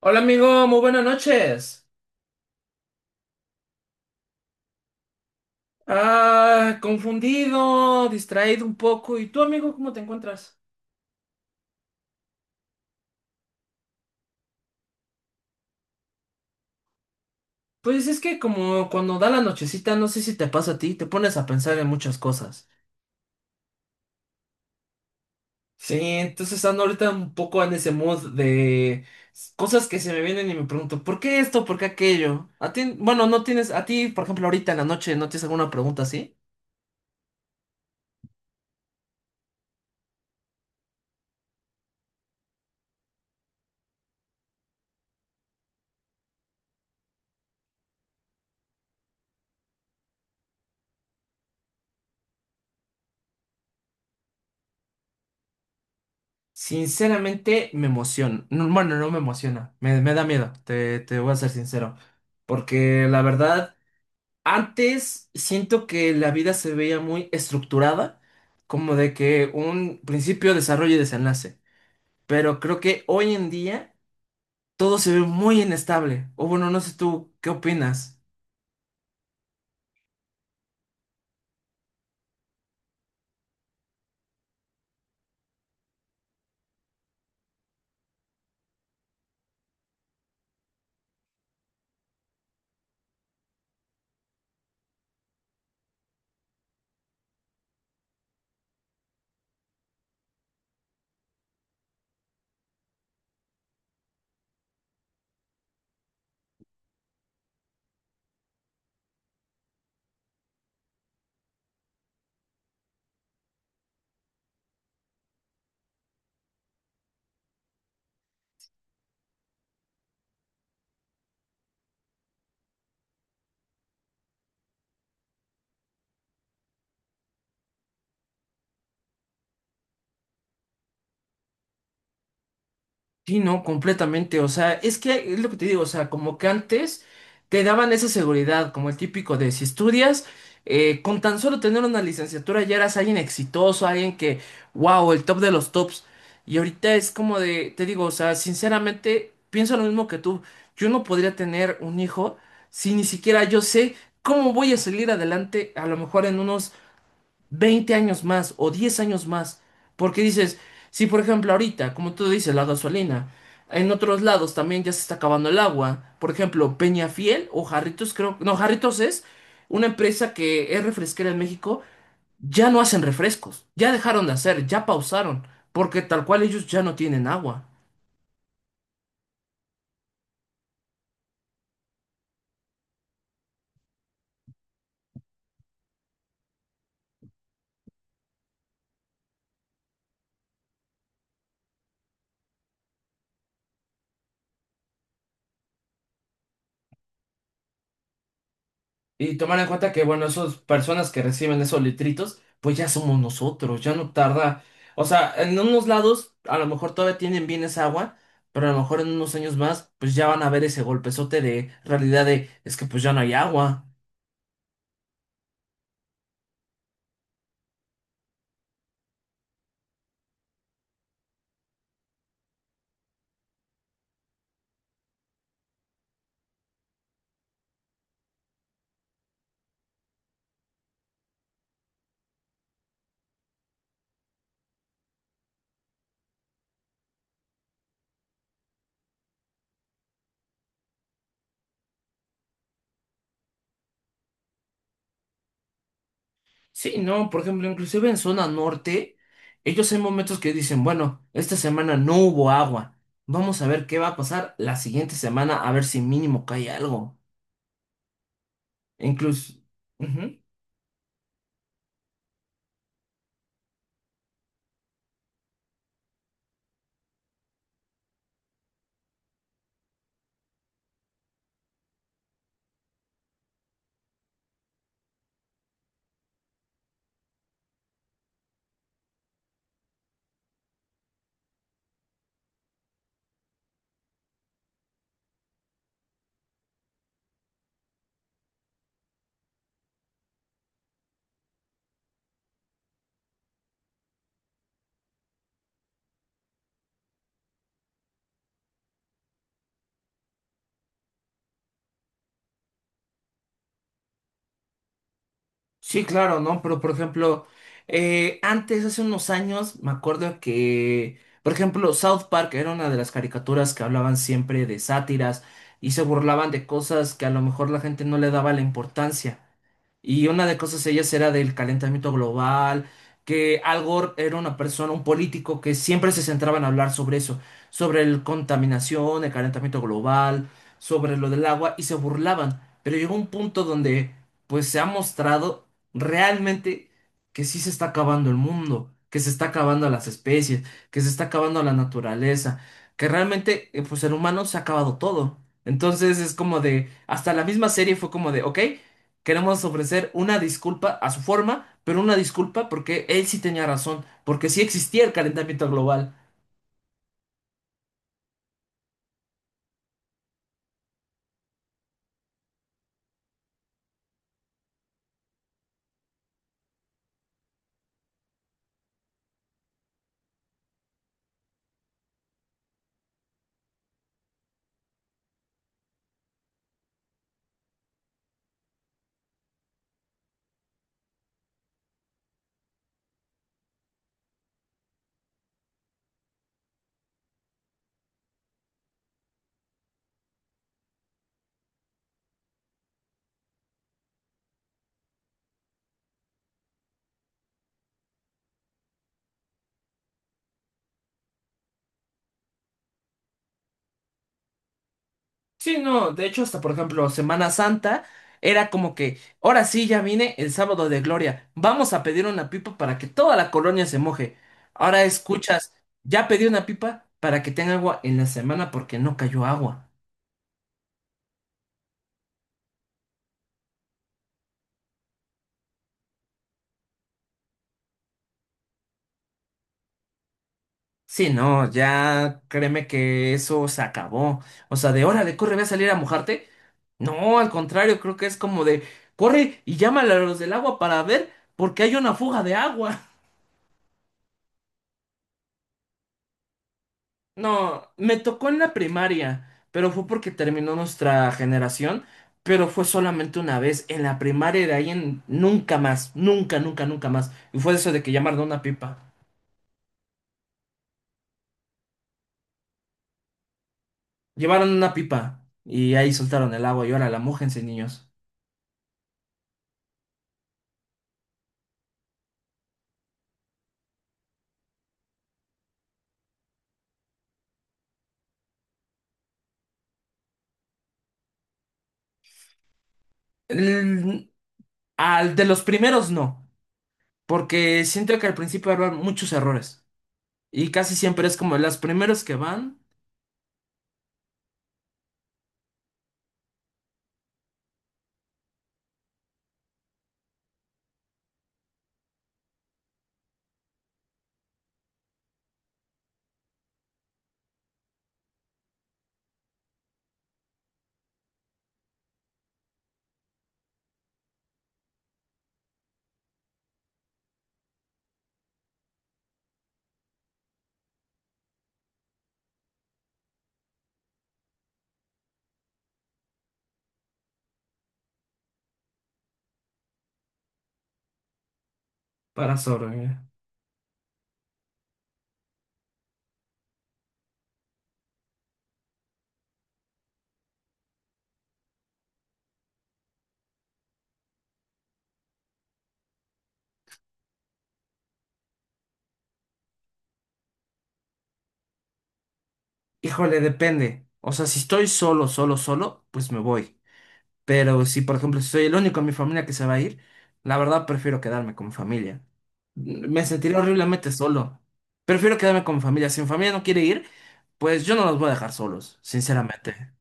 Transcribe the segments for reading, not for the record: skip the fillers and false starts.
Hola amigo, muy buenas noches. Ah, confundido, distraído un poco. ¿Y tú amigo, cómo te encuentras? Pues es que como cuando da la nochecita, no sé si te pasa a ti, te pones a pensar en muchas cosas. Sí, entonces ando ahorita un poco en ese mood de cosas que se me vienen y me pregunto, ¿por qué esto? ¿Por qué aquello? A ti, bueno, no tienes, a ti, por ejemplo, ahorita en la noche, ¿no tienes alguna pregunta así? Sinceramente me emociona. No, bueno, no me emociona, me da miedo, te voy a ser sincero. Porque la verdad... Antes siento que la vida se veía muy estructurada, como de que un principio, desarrollo y desenlace. Pero creo que hoy en día todo se ve muy inestable. O bueno, no sé tú, ¿qué opinas? Sí, no, completamente. O sea, es que es lo que te digo, o sea, como que antes te daban esa seguridad, como el típico de si estudias, con tan solo tener una licenciatura ya eras alguien exitoso, alguien que, wow, el top de los tops. Y ahorita es como de, te digo, o sea, sinceramente, pienso lo mismo que tú. Yo no podría tener un hijo si ni siquiera yo sé cómo voy a salir adelante, a lo mejor en unos 20 años más o 10 años más. Porque dices, si por ejemplo ahorita, como tú dices, la gasolina, en otros lados también ya se está acabando el agua. Por ejemplo, Peñafiel o Jarritos, creo, no, Jarritos es una empresa que es refresquera en México, ya no hacen refrescos, ya dejaron de hacer, ya pausaron, porque tal cual ellos ya no tienen agua. Y tomar en cuenta que, bueno, esas personas que reciben esos litritos, pues ya somos nosotros, ya no tarda. O sea, en unos lados a lo mejor todavía tienen bien esa agua, pero a lo mejor en unos años más, pues ya van a ver ese golpezote de realidad de, es que pues ya no hay agua. Sí, no, por ejemplo, inclusive en zona norte, ellos hay momentos que dicen, bueno, esta semana no hubo agua, vamos a ver qué va a pasar la siguiente semana, a ver si mínimo cae algo. Incluso... Sí, claro, ¿no? Pero por ejemplo, antes, hace unos años, me acuerdo que, por ejemplo, South Park era una de las caricaturas que hablaban siempre de sátiras y se burlaban de cosas que a lo mejor la gente no le daba la importancia. Y una de cosas ellas era del calentamiento global, que Al Gore era una persona, un político que siempre se centraba en hablar sobre eso, sobre la contaminación, el calentamiento global, sobre lo del agua, y se burlaban. Pero llegó un punto donde, pues, se ha mostrado realmente que sí se está acabando el mundo, que se está acabando las especies, que se está acabando la naturaleza, que realmente, pues, el humano se ha acabado todo. Entonces es como de, hasta la misma serie fue como de, ok. Queremos ofrecer una disculpa a su forma, pero una disculpa porque él sí tenía razón, porque sí existía el calentamiento global. Sí, no, de hecho, hasta por ejemplo, Semana Santa era como que, ahora sí, ya vine el sábado de gloria, vamos a pedir una pipa para que toda la colonia se moje. Ahora escuchas, ya pedí una pipa para que tenga agua en la semana porque no cayó agua. Sí, no, ya créeme que eso se acabó. O sea, de órale, corre, ve a salir a mojarte. No, al contrario, creo que es como de corre y llámale a los del agua para ver porque hay una fuga de agua. No, me tocó en la primaria, pero fue porque terminó nuestra generación, pero fue solamente una vez en la primaria y de ahí en nunca más, nunca, nunca, nunca más. Y fue eso de que llamaron a una pipa. Llevaron una pipa y ahí soltaron el agua y ahora la mójense, niños. Al de los primeros no, porque siento que al principio habrá muchos errores y casi siempre es como los primeros que van para solo. ¿Eh? Híjole, depende. O sea, si estoy solo, solo, solo, pues me voy. Pero si, por ejemplo, si soy el único en mi familia que se va a ir, la verdad prefiero quedarme con mi familia. Me sentiré horriblemente solo. Prefiero quedarme con mi familia. Si mi familia no quiere ir, pues yo no los voy a dejar solos, sinceramente.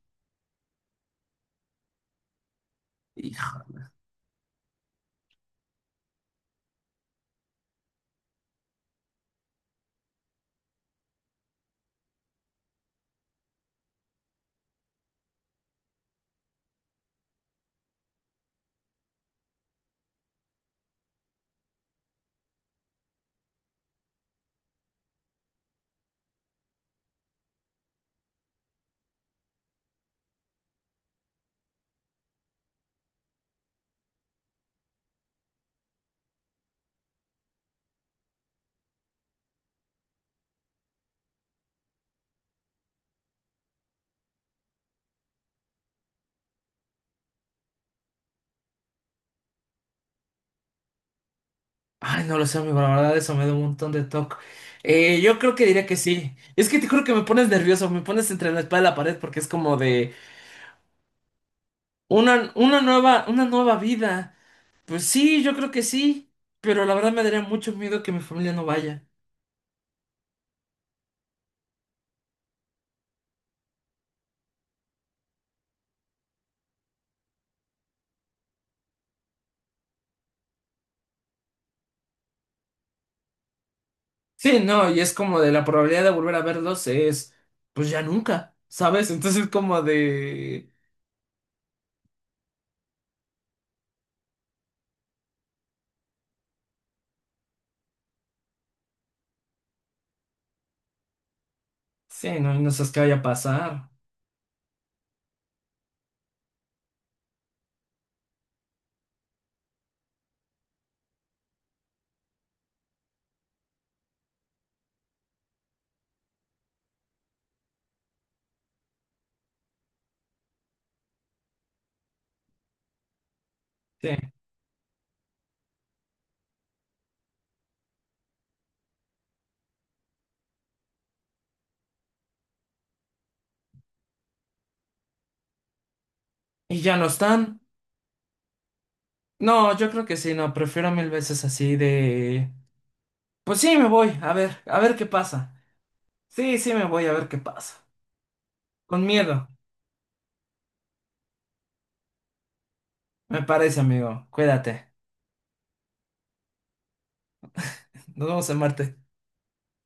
Ay, no lo sé, amigo, la verdad eso me da un montón de toque. Yo creo que diría que sí. Es que te juro que me pones nervioso, me pones entre la espada y la pared porque es como de una nueva, una nueva vida. Pues sí, yo creo que sí, pero la verdad me daría mucho miedo que mi familia no vaya. Sí, no, y es como de la probabilidad de volver a verlos es, pues ya nunca, ¿sabes? Entonces es como de, sí, no, no sabes qué vaya a pasar. Sí. Y ya no están. No, yo creo que sí, no, prefiero mil veces así de... Pues sí, me voy, a ver qué pasa. Sí, sí, me voy, a ver qué pasa. Con miedo, me parece, amigo. Cuídate. Nos vemos en Marte.